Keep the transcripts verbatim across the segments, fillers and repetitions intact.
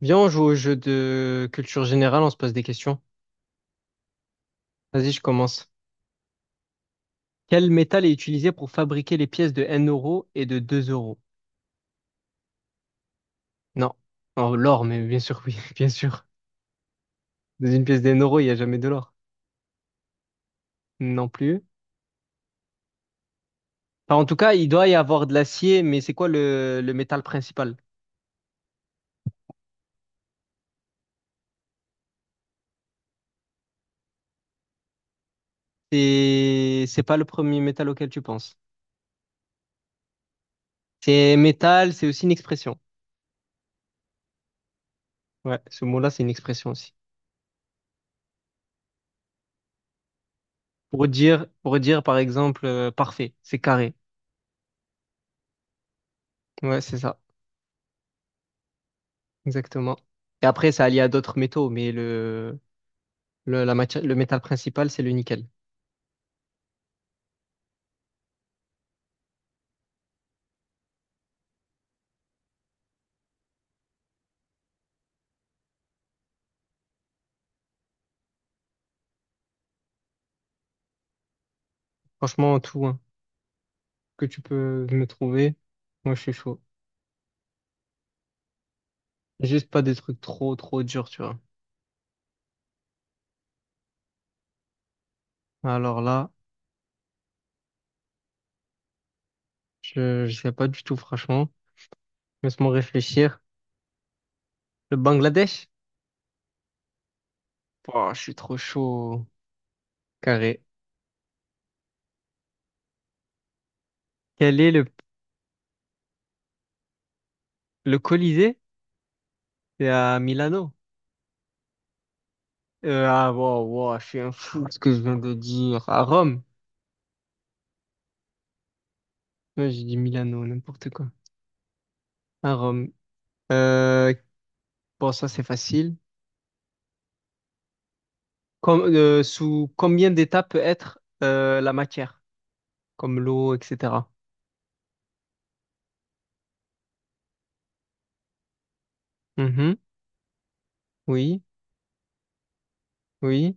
Viens, on joue au jeu de culture générale, on se pose des questions. Vas-y, je commence. Quel métal est utilisé pour fabriquer les pièces de un euro et de deux euros? Non. Oh, l'or, mais bien sûr, oui, bien sûr. Dans une pièce d'un euro, il n'y a jamais de l'or. Non plus. Enfin, en tout cas, il doit y avoir de l'acier, mais c'est quoi le, le métal principal? C'est, c'est pas le premier métal auquel tu penses. C'est métal, c'est aussi une expression. Ouais, ce mot-là, c'est une expression aussi. Pour dire, pour dire, par exemple, euh, parfait, c'est carré. Ouais, c'est ça. Exactement. Et après, ça allie à d'autres métaux, mais le, le, la matière, le métal principal, c'est le nickel. Franchement, tout, hein, que tu peux me trouver, moi, je suis chaud. Juste pas des trucs trop, trop durs, tu vois. Alors là, je, je sais pas du tout, franchement. Laisse-moi réfléchir. Le Bangladesh? Oh, je suis trop chaud. Carré. Quel est le, le Colisée? C'est à Milano. Euh, ah, wow, wow, je suis un fou de ce que je viens de dire. À Rome. Ouais, j'ai dit Milano, n'importe quoi. À Rome. Euh, bon, ça, c'est facile. Com- euh, sous combien d'états peut être euh, la matière? Comme l'eau, et cetera. Mhm. Oui, oui.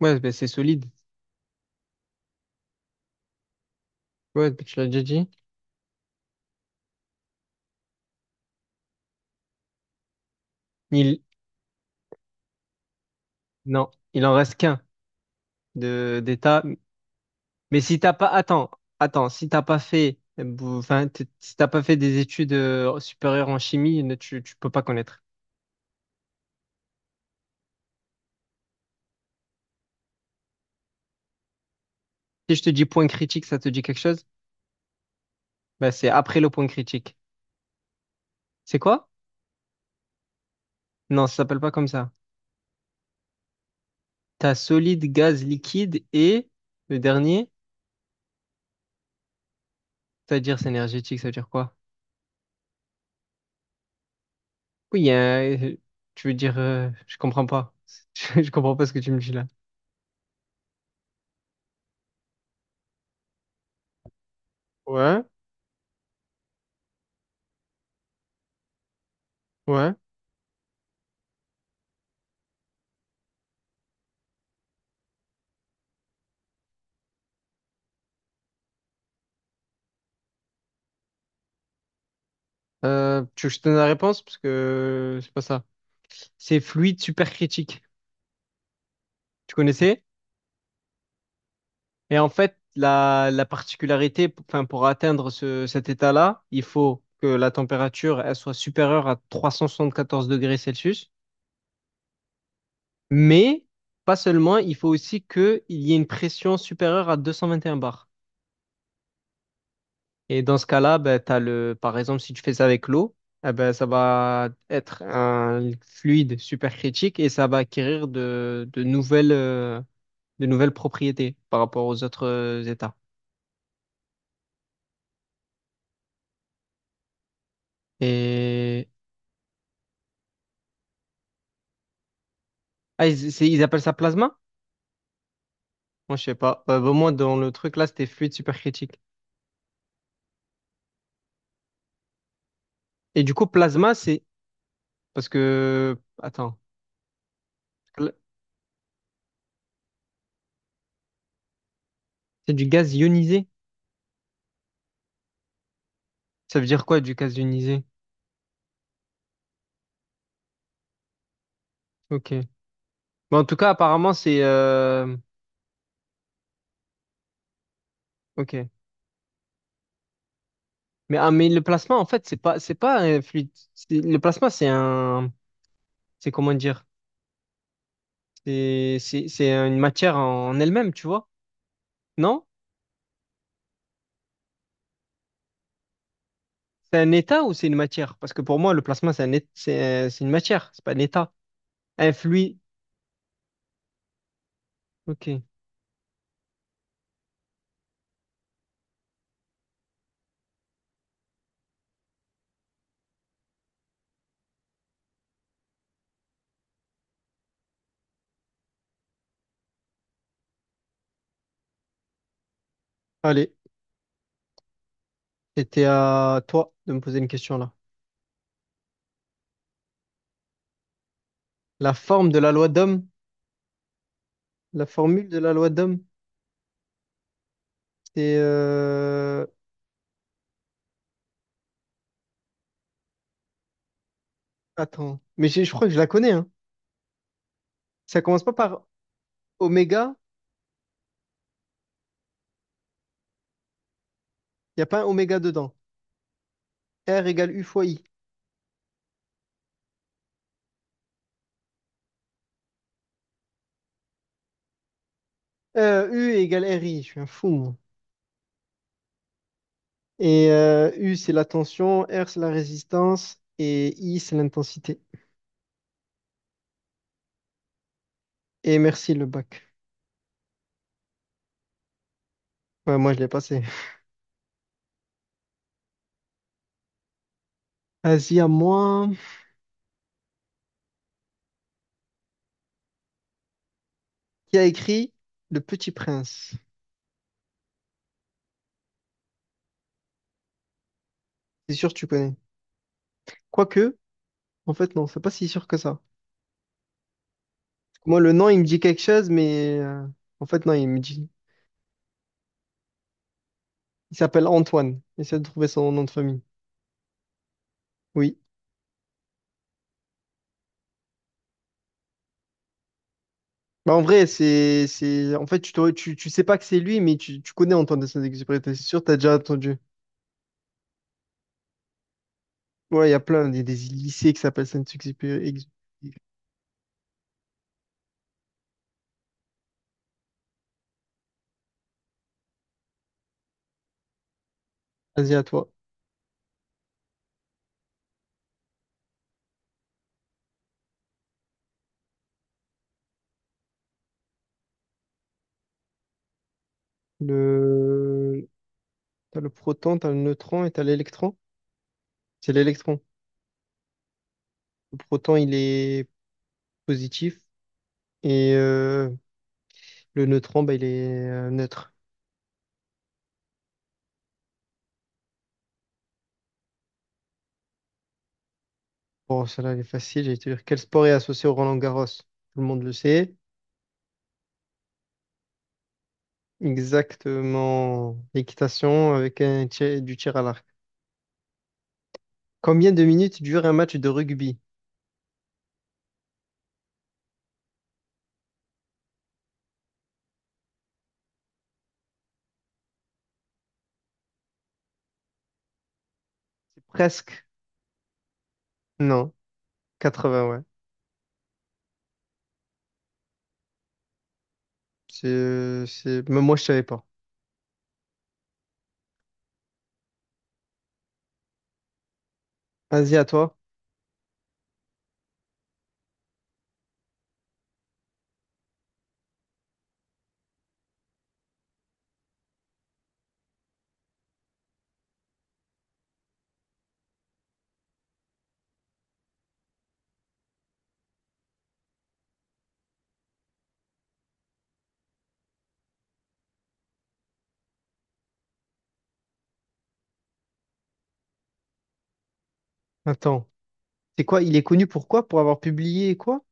Ouais, ben, c'est solide. Ouais, ben, tu l'as déjà dit. Il... Non, il en reste qu'un de d'état. Mais si t'as pas... Attends, attends. Si t'as pas fait... euh, bou- Enfin, t- si t'as pas fait des études euh, supérieures en chimie, ne- tu, tu peux pas connaître. Si je te dis point critique, ça te dit quelque chose? Bah, c'est après le point critique. C'est quoi? Non, ça s'appelle pas comme ça. T'as solide, gaz, liquide et le dernier, c'est-à-dire c'est énergétique, ça veut dire quoi? Oui, il y a un- tu veux dire, euh, je comprends pas. Je, je comprends pas ce que tu me dis là. Ouais, ouais. Euh, tu veux que je te donne la réponse? Parce que c'est pas ça. C'est fluide supercritique. Tu connaissais? Et en fait, la, la particularité, p- enfin, pour atteindre ce- cet état-là, il faut que la température elle soit supérieure à trois cent soixante-quatorze degrés Celsius, mais pas seulement, il faut aussi qu'il y ait une pression supérieure à deux cent vingt et un bars. Et dans ce cas-là, ben, t'as le, par exemple, si tu fais ça avec l'eau, eh ben, ça va être un fluide supercritique et ça va acquérir de, de nouvelles, euh, de nouvelles propriétés par rapport aux autres euh, états. Et ah, ils c'est- ils appellent ça plasma? Moi, je sais pas. Euh, bah, moi, dans le truc là, c'était fluide supercritique. Et du coup, plasma, c'est parce que attends, c'est du gaz ionisé. Ça veut dire quoi du gaz ionisé? Ok. Mais en tout cas, apparemment, c'est euh, ok. Mais ah, mais le plasma, en fait, c'est pas c'est pas euh, fluide. C'est- Le plasma, c'est un c'est comment dire? C'est c'est c'est une matière en elle-même, tu vois? Non? C'est un état ou c'est une matière? Parce que pour moi, le plasma, c'est un é- c'est euh, c'est une matière. C'est pas un état. Un fluide. Ok. Allez. C'était à toi de me poser une question là. La forme de la loi d'Ohm, la formule de la loi d'Ohm, c'est euh... attends, mais j'ai- je crois que je la connais hein. Ça commence pas par oméga, il y a pas un oméga dedans. R égale U fois I. Euh, U égale R I, je suis un fou moi. Et euh, U c'est la tension, R c'est la résistance et I c'est l'intensité. Et merci le bac. Ouais, moi je l'ai passé. Vas-y à moi. Qui a écrit Le Petit Prince? C'est sûr que tu connais. Quoique, en fait non, c'est pas si sûr que ça. Moi, le nom, il me dit quelque chose, mais euh, en fait, non, il me dit. Il s'appelle Antoine. Essaie de trouver son nom de famille. Oui. Bah, en vrai, c'est, c'est, en fait, tu, t'aurais- tu, tu sais pas que c'est lui, mais tu, tu connais Antoine de Saint-Exupéry. T'es sûr, t'as déjà entendu. Ouais, il y a plein, il y a des lycées qui s'appellent Saint-Exupéry. Ex- Vas-y, à toi. Le, t'as le proton, t'as le neutron et t'as l'électron. C'est l'électron. Le proton, il est positif et euh, le neutron, bah, il est euh, neutre. Bon, celle-là, elle est facile. J'allais te dire, quel sport est associé au Roland-Garros? Tout le monde le sait. Exactement. L'équitation avec un tir- du tir à l'arc. Combien de minutes dure un match de rugby? C'est presque. Non. Quatre-vingts. Ouais. C'est, c'est... Même moi, je savais pas. Vas-y, à toi. Attends. C'est quoi? Il est connu pour quoi? Pour avoir publié quoi?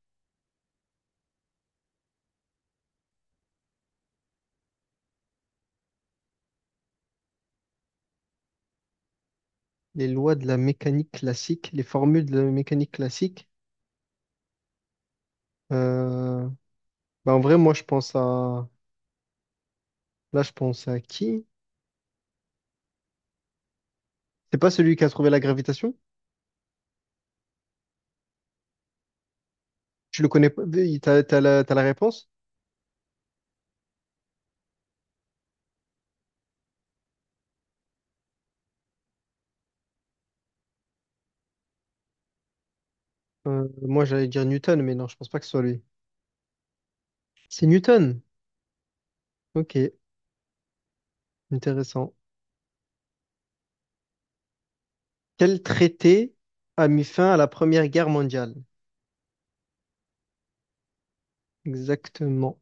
Les lois de la mécanique classique, les formules de la mécanique classique. Euh, bah, en vrai, moi, je pense à... Là, je pense à qui? C'est pas celui qui a trouvé la gravitation? Tu le connais pas? T'as, t'as la, t'as la réponse? Euh, moi, j'allais dire Newton, mais non, je pense pas que ce soit lui. C'est Newton. Ok, intéressant. Quel traité a mis fin à la Première Guerre mondiale? Exactement.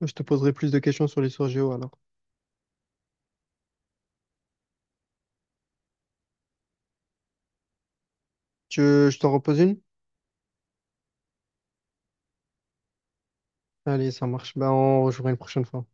Je te poserai plus de questions sur l'histoire géo alors. Tu, je t'en repose une? Allez, ça marche. Ben, on rejouera une prochaine fois.